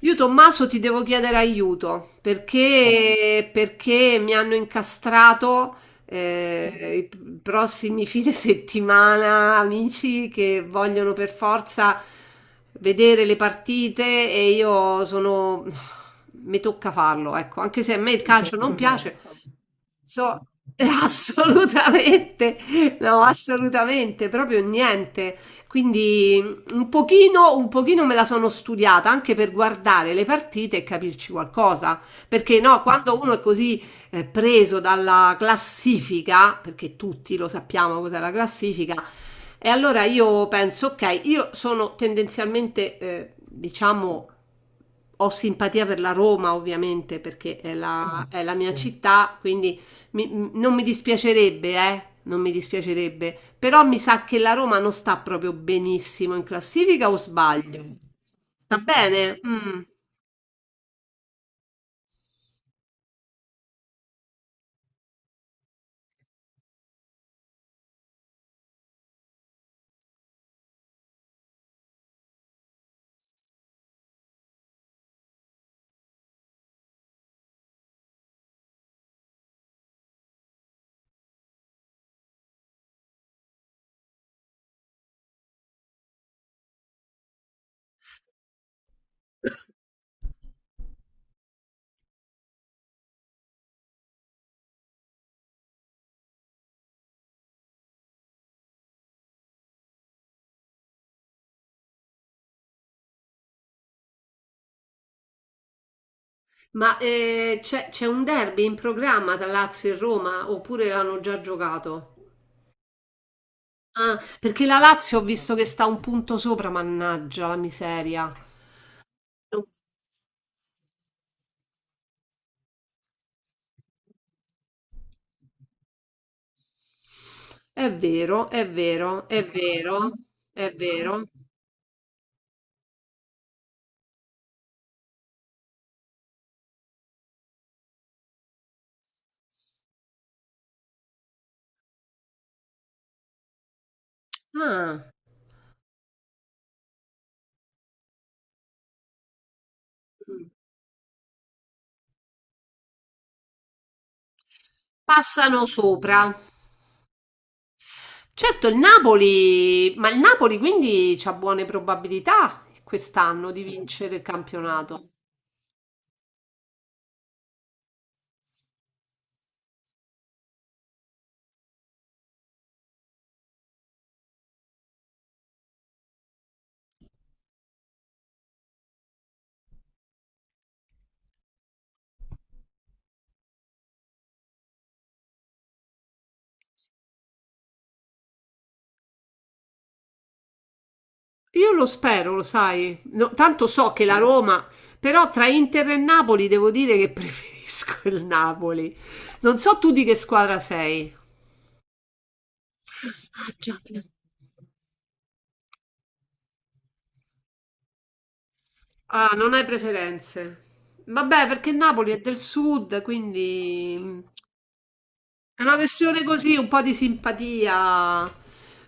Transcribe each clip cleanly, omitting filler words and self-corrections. Io Tommaso ti devo chiedere aiuto perché mi hanno incastrato i prossimi fine settimana amici che vogliono per forza vedere le partite e io sono... Mi tocca farlo, ecco, anche se a me il calcio non piace. So assolutamente, no, assolutamente, proprio niente. Quindi mm, un pochino me la sono studiata anche per guardare le partite e capirci qualcosa. Perché no, quando uno è così preso dalla classifica, perché tutti lo sappiamo cos'è la classifica, e allora io penso, ok, io sono tendenzialmente, diciamo, ho simpatia per la Roma, ovviamente, perché è la mia sì. Città, quindi non mi dispiacerebbe, non mi dispiacerebbe, però mi sa che la Roma non sta proprio benissimo in classifica, o sbaglio? Sta bene? Mm. Ma c'è un derby in programma tra Lazio e Roma, oppure l'hanno già giocato? Ah, perché la Lazio ho visto che sta un punto sopra, mannaggia la miseria. È vero, è vero, è vero, è vero. Ah, mm. Passano sopra. Certo, il Napoli, ma il Napoli quindi c'ha buone probabilità quest'anno di vincere il campionato. Io lo spero, lo sai. No, tanto so che la Roma, però tra Inter e Napoli devo dire che preferisco il Napoli. Non so tu di che squadra sei. Ah, non hai preferenze. Vabbè, perché Napoli è del sud, quindi mm, è una questione così, un po' di simpatia.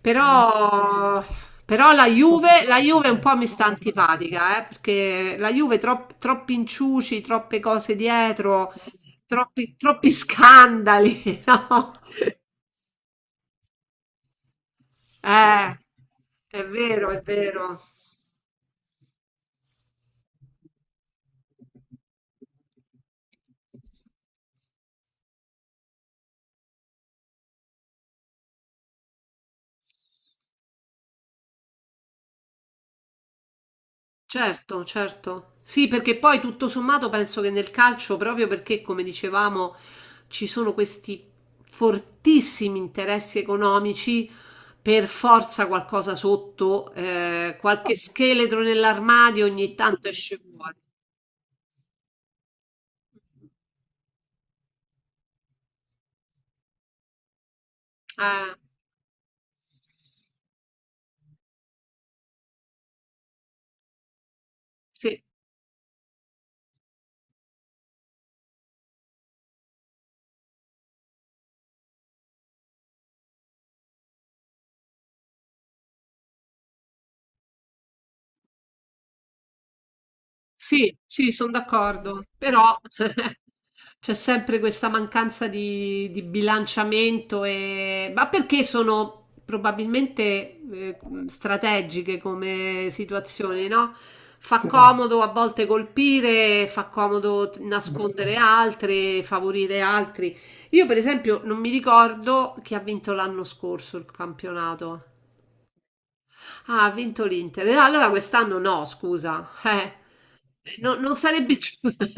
Però, però la Juve un po' mi sta antipatica, perché la Juve troppi inciuci, troppe cose dietro, troppi, troppi scandali, no? Eh, è vero, è vero. Certo, certo. Sì, perché poi tutto sommato penso che nel calcio, proprio perché, come dicevamo, ci sono questi fortissimi interessi economici, per forza qualcosa sotto, qualche scheletro nell'armadio ogni tanto esce fuori. Eh, sì. Sì, sì, sono d'accordo, però c'è sempre questa mancanza di bilanciamento e... Ma perché sono probabilmente strategiche come situazioni, no? Fa comodo a volte colpire, fa comodo nascondere altri, favorire altri. Io, per esempio, non mi ricordo chi ha vinto l'anno scorso il campionato. Ah, ha vinto l'Inter. Allora quest'anno no, scusa. Non sarebbe...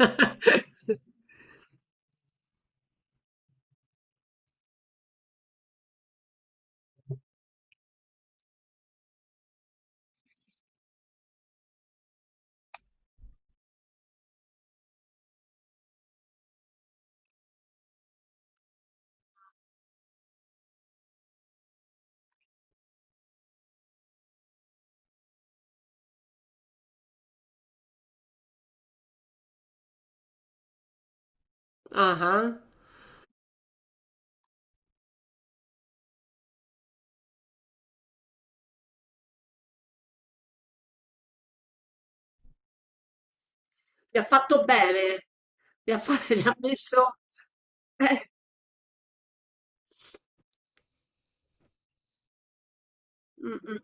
Ah, ah. Gli ha fatto bene. Gli ha, gli ha messo... eh, mm, mm, mm.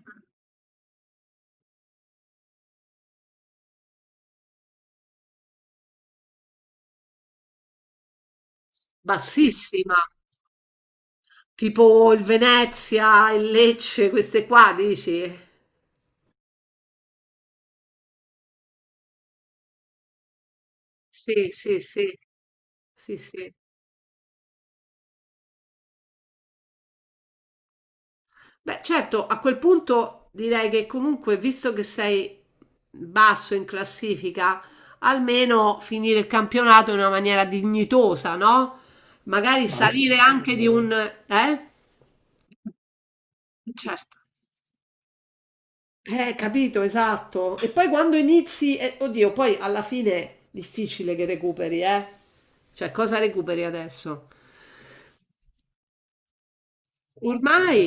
Bassissima. Tipo il Venezia, il Lecce, queste qua, dici? Sì, sì, sì. Sì, sì. Beh, certo, a quel punto direi che comunque, visto che sei basso in classifica, almeno finire il campionato in una maniera dignitosa, no? Magari ma io salire anche di un... Eh? Certo. Capito, esatto. E poi quando inizi... Eh, oddio, poi alla fine è difficile che recuperi, eh? Cioè, cosa recuperi adesso? Ormai...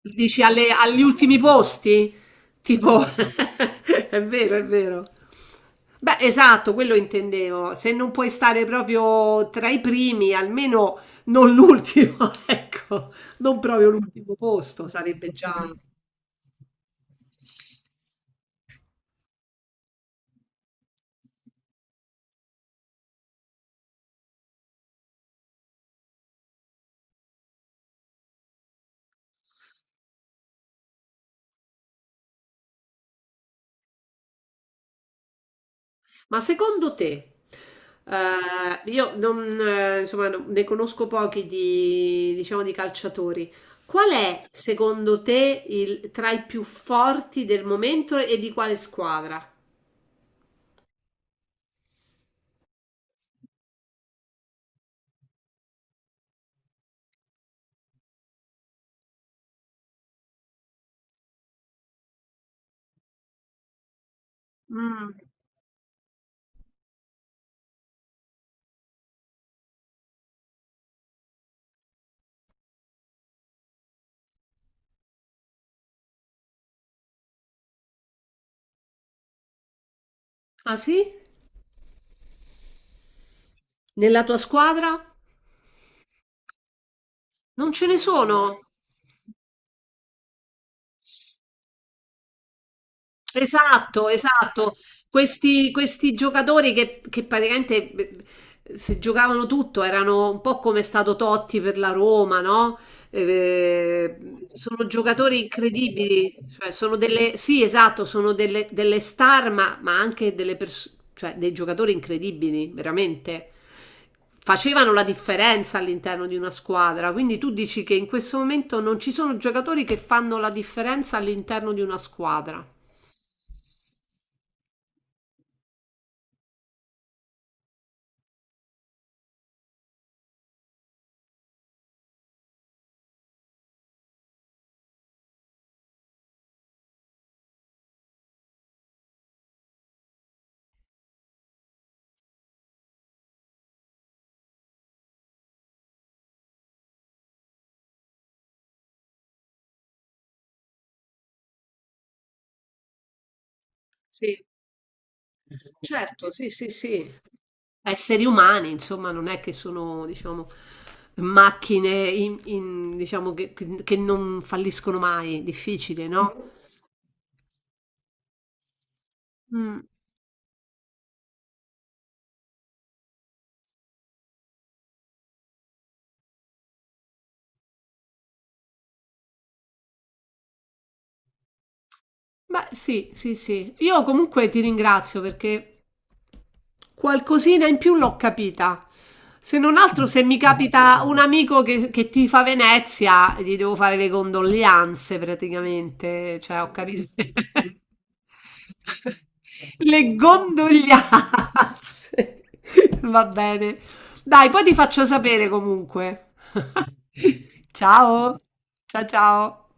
Dici agli ultimi posti? Tipo, è vero, è vero. Beh, esatto, quello intendevo. Se non puoi stare proprio tra i primi, almeno non l'ultimo, ecco, non proprio l'ultimo posto, sarebbe già. Ma secondo te, io non, insomma, ne conosco pochi di, diciamo, di calciatori. Qual è, secondo te, il, tra i più forti del momento e di quale squadra? Mh. Ah sì? Nella tua squadra? Non ce ne sono? Esatto, esatto. Questi, questi giocatori che praticamente se giocavano tutto erano un po' come è stato Totti per la Roma, no? Eh, sono giocatori incredibili, cioè sono delle, sì, esatto, sono delle, delle star, ma anche delle cioè dei giocatori incredibili, veramente. Facevano la differenza all'interno di una squadra, quindi tu dici che in questo momento non ci sono giocatori che fanno la differenza all'interno di una squadra. Sì, certo, sì, sì, sì. Esseri umani, insomma, non è che sono, diciamo, macchine diciamo, che non falliscono mai, difficile, no? Mm. Beh, sì, sì, sì. Io comunque ti ringrazio perché qualcosina in più l'ho capita. Se non altro, se mi capita un amico che tifa Venezia, gli devo fare le condoglianze praticamente. Cioè, ho capito. Le condoglianze. Va bene. Dai, poi ti faccio sapere comunque. Ciao. Ciao ciao.